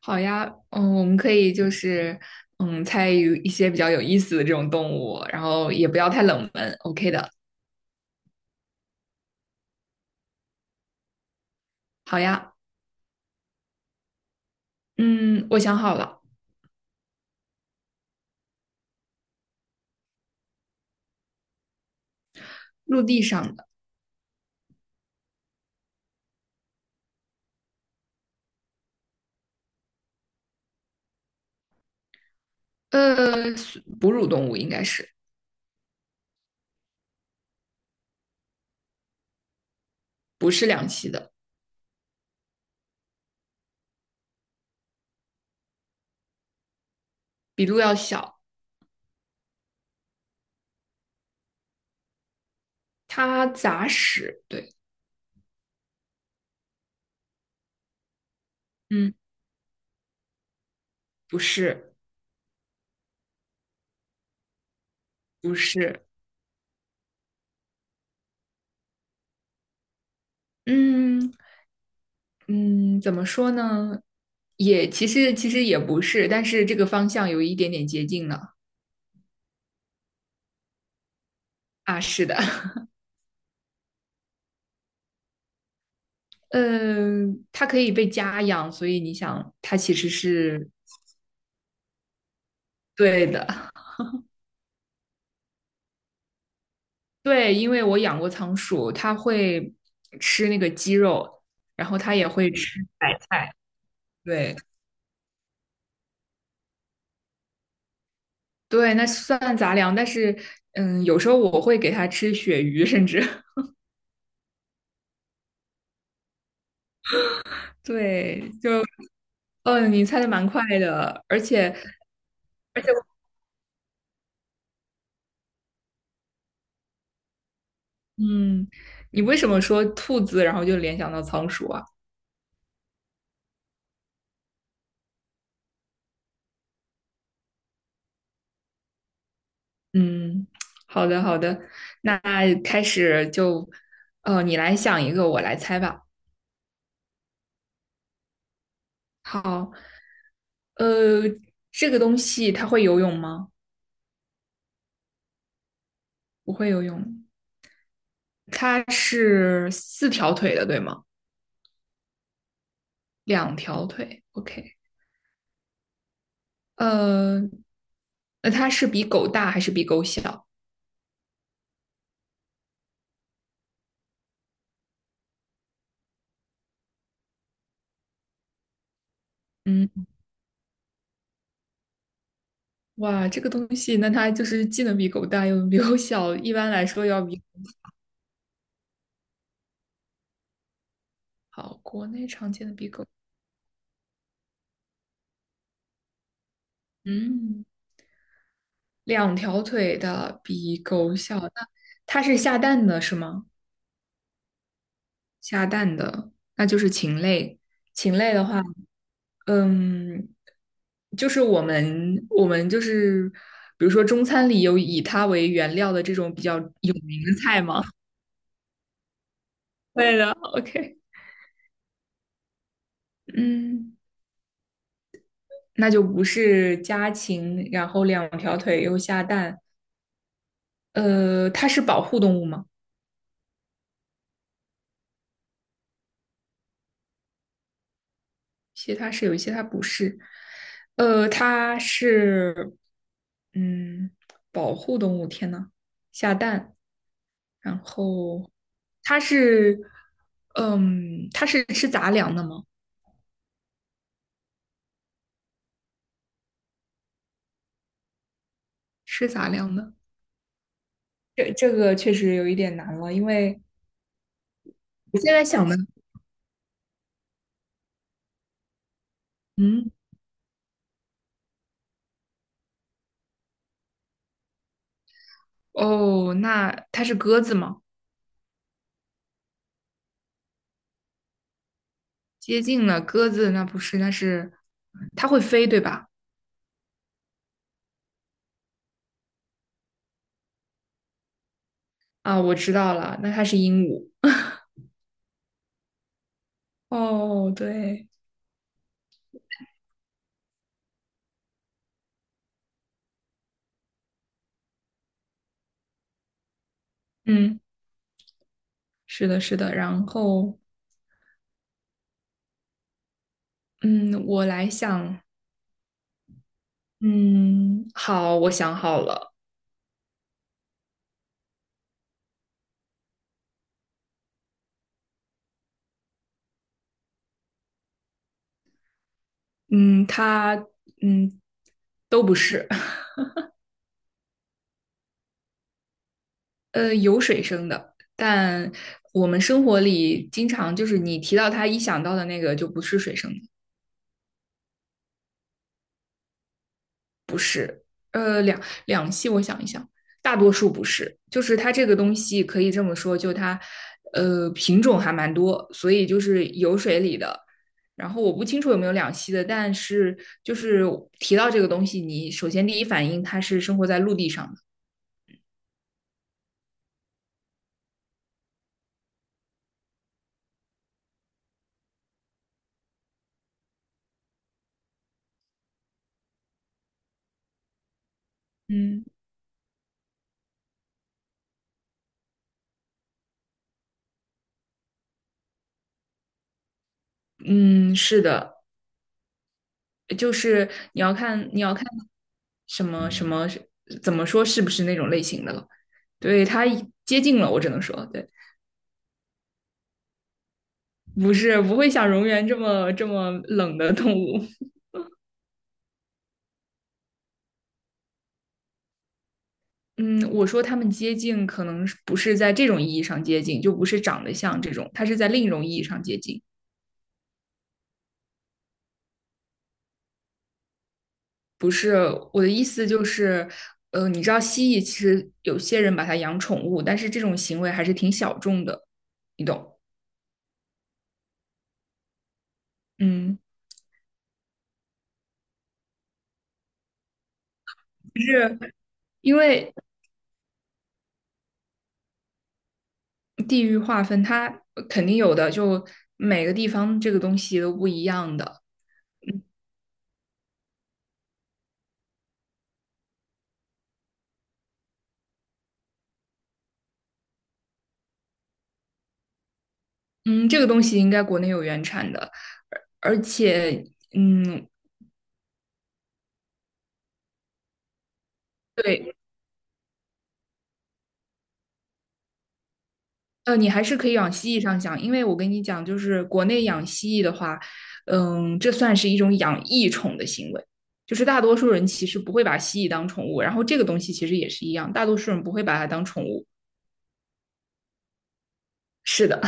好呀，嗯，我们可以就是参与一些比较有意思的这种动物，然后也不要太冷门，OK 的。好呀，嗯，我想好了，陆地上的，呃，哺乳动物应该是不是两栖的，比鹿要小，它杂食，对，嗯，不是，不是，嗯嗯，怎么说呢？也其实也不是，但是这个方向有一点点接近了啊，是的，嗯，它可以被家养，所以你想，它其实是对的。对，因为我养过仓鼠，它会吃那个鸡肉，然后它也会吃白菜。对对，那算杂粮，但是嗯，有时候我会给它吃鳕鱼，甚至 对，你猜的蛮快的，而且，嗯，你为什么说兔子，然后就联想到仓鼠啊？嗯，好的好的，那开始就，你来想一个，我来猜吧。好，呃，这个东西它会游泳吗？不会游泳。它是四条腿的，对吗？两条腿，OK。呃，那它是比狗大还是比狗小？嗯，哇，这个东西，那它就是既能比狗大，又能比狗小。一般来说要比，好，国内常见的比狗，嗯。两条腿的比狗小，那它是下蛋的是吗？下蛋的，那就是禽类。禽类的话，嗯，就是我们就是，比如说中餐里有以它为原料的这种比较有名的菜吗？对的，OK，嗯，那就不是家禽，然后两条腿又下蛋，它是保护动物吗？些它是有一些它不是，它是嗯保护动物，天呐，下蛋，然后它是它是吃杂粮的吗？吃杂粮的，这这个确实有一点难了，因为我现在想的，嗯哦，那它是鸽子吗？接近了，鸽子那不是，那是它会飞对吧？啊，我知道了，那它是鹦鹉。哦，对，嗯。是的，是的。然后，嗯，我来想，嗯，好，我想好了，嗯，它，嗯，都不是，有水生的，但我们生活里经常就是你提到它，一想到的那个就不是水生的。呃，两两栖，我想一想，大多数不是，就是它这个东西可以这么说，品种还蛮多，所以就是有水里的。然后我不清楚有没有两栖的，但是就是提到这个东西，你首先第一反应它是生活在陆地上的。嗯，嗯，是的，就是你要看什么什么怎么说是不是那种类型的了。对，它接近了，我只能说对。不是不会像蝾螈这么冷的动物。嗯，我说它们接近，可能不是在这种意义上接近，就不是长得像这种，它是在另一种意义上接近。不是我的意思就是，你知道蜥蜴其实有些人把它养宠物，但是这种行为还是挺小众的，你懂？嗯，就是因为地域划分，它肯定有的，就每个地方这个东西都不一样的。嗯，这个东西应该国内有原产的，而而且，嗯，对，你还是可以往蜥蜴上想，因为我跟你讲，就是国内养蜥蜴的话，嗯，这算是一种养异宠的行为，就是大多数人其实不会把蜥蜴当宠物，然后这个东西其实也是一样，大多数人不会把它当宠物。是的，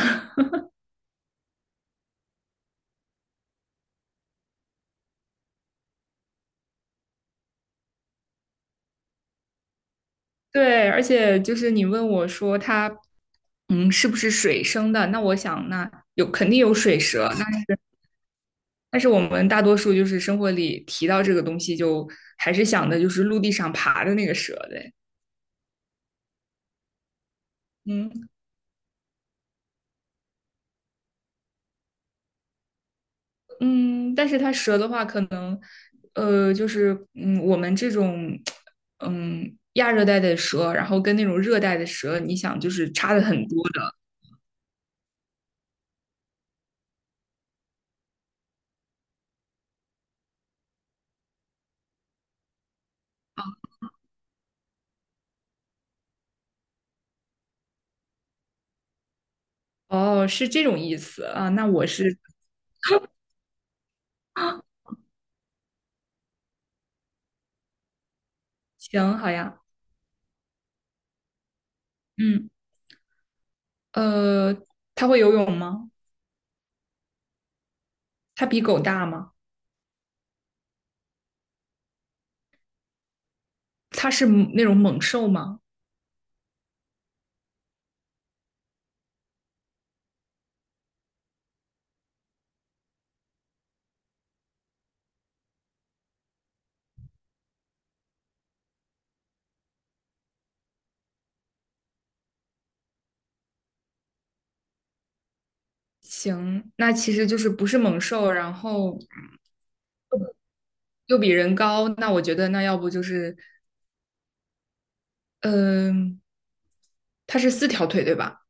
对，而且就是你问我说它，嗯，是不是水生的？那我想，那有肯定有水蛇，但是我们大多数就是生活里提到这个东西，就还是想的就是陆地上爬的那个蛇的。嗯嗯，但是它蛇的话，可能我们这种亚热带的蛇，然后跟那种热带的蛇，你想就是差的很多的。哦，是这种意思啊，那我是行，好呀，嗯，呃，它会游泳吗？它比狗大吗？它是那种猛兽吗？行，那其实就是不是猛兽，然后又比人高，那我觉得那要不就是，嗯、它是四条腿对吧？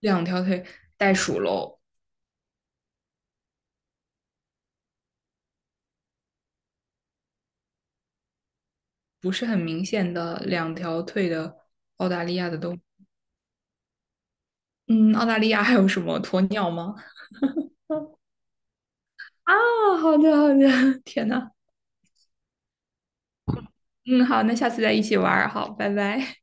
两条腿袋鼠喽，不是很明显的两条腿的澳大利亚的动物。嗯，澳大利亚还有什么鸵鸟吗？啊，好的好的，天呐，嗯，好，那下次再一起玩儿，好，拜拜。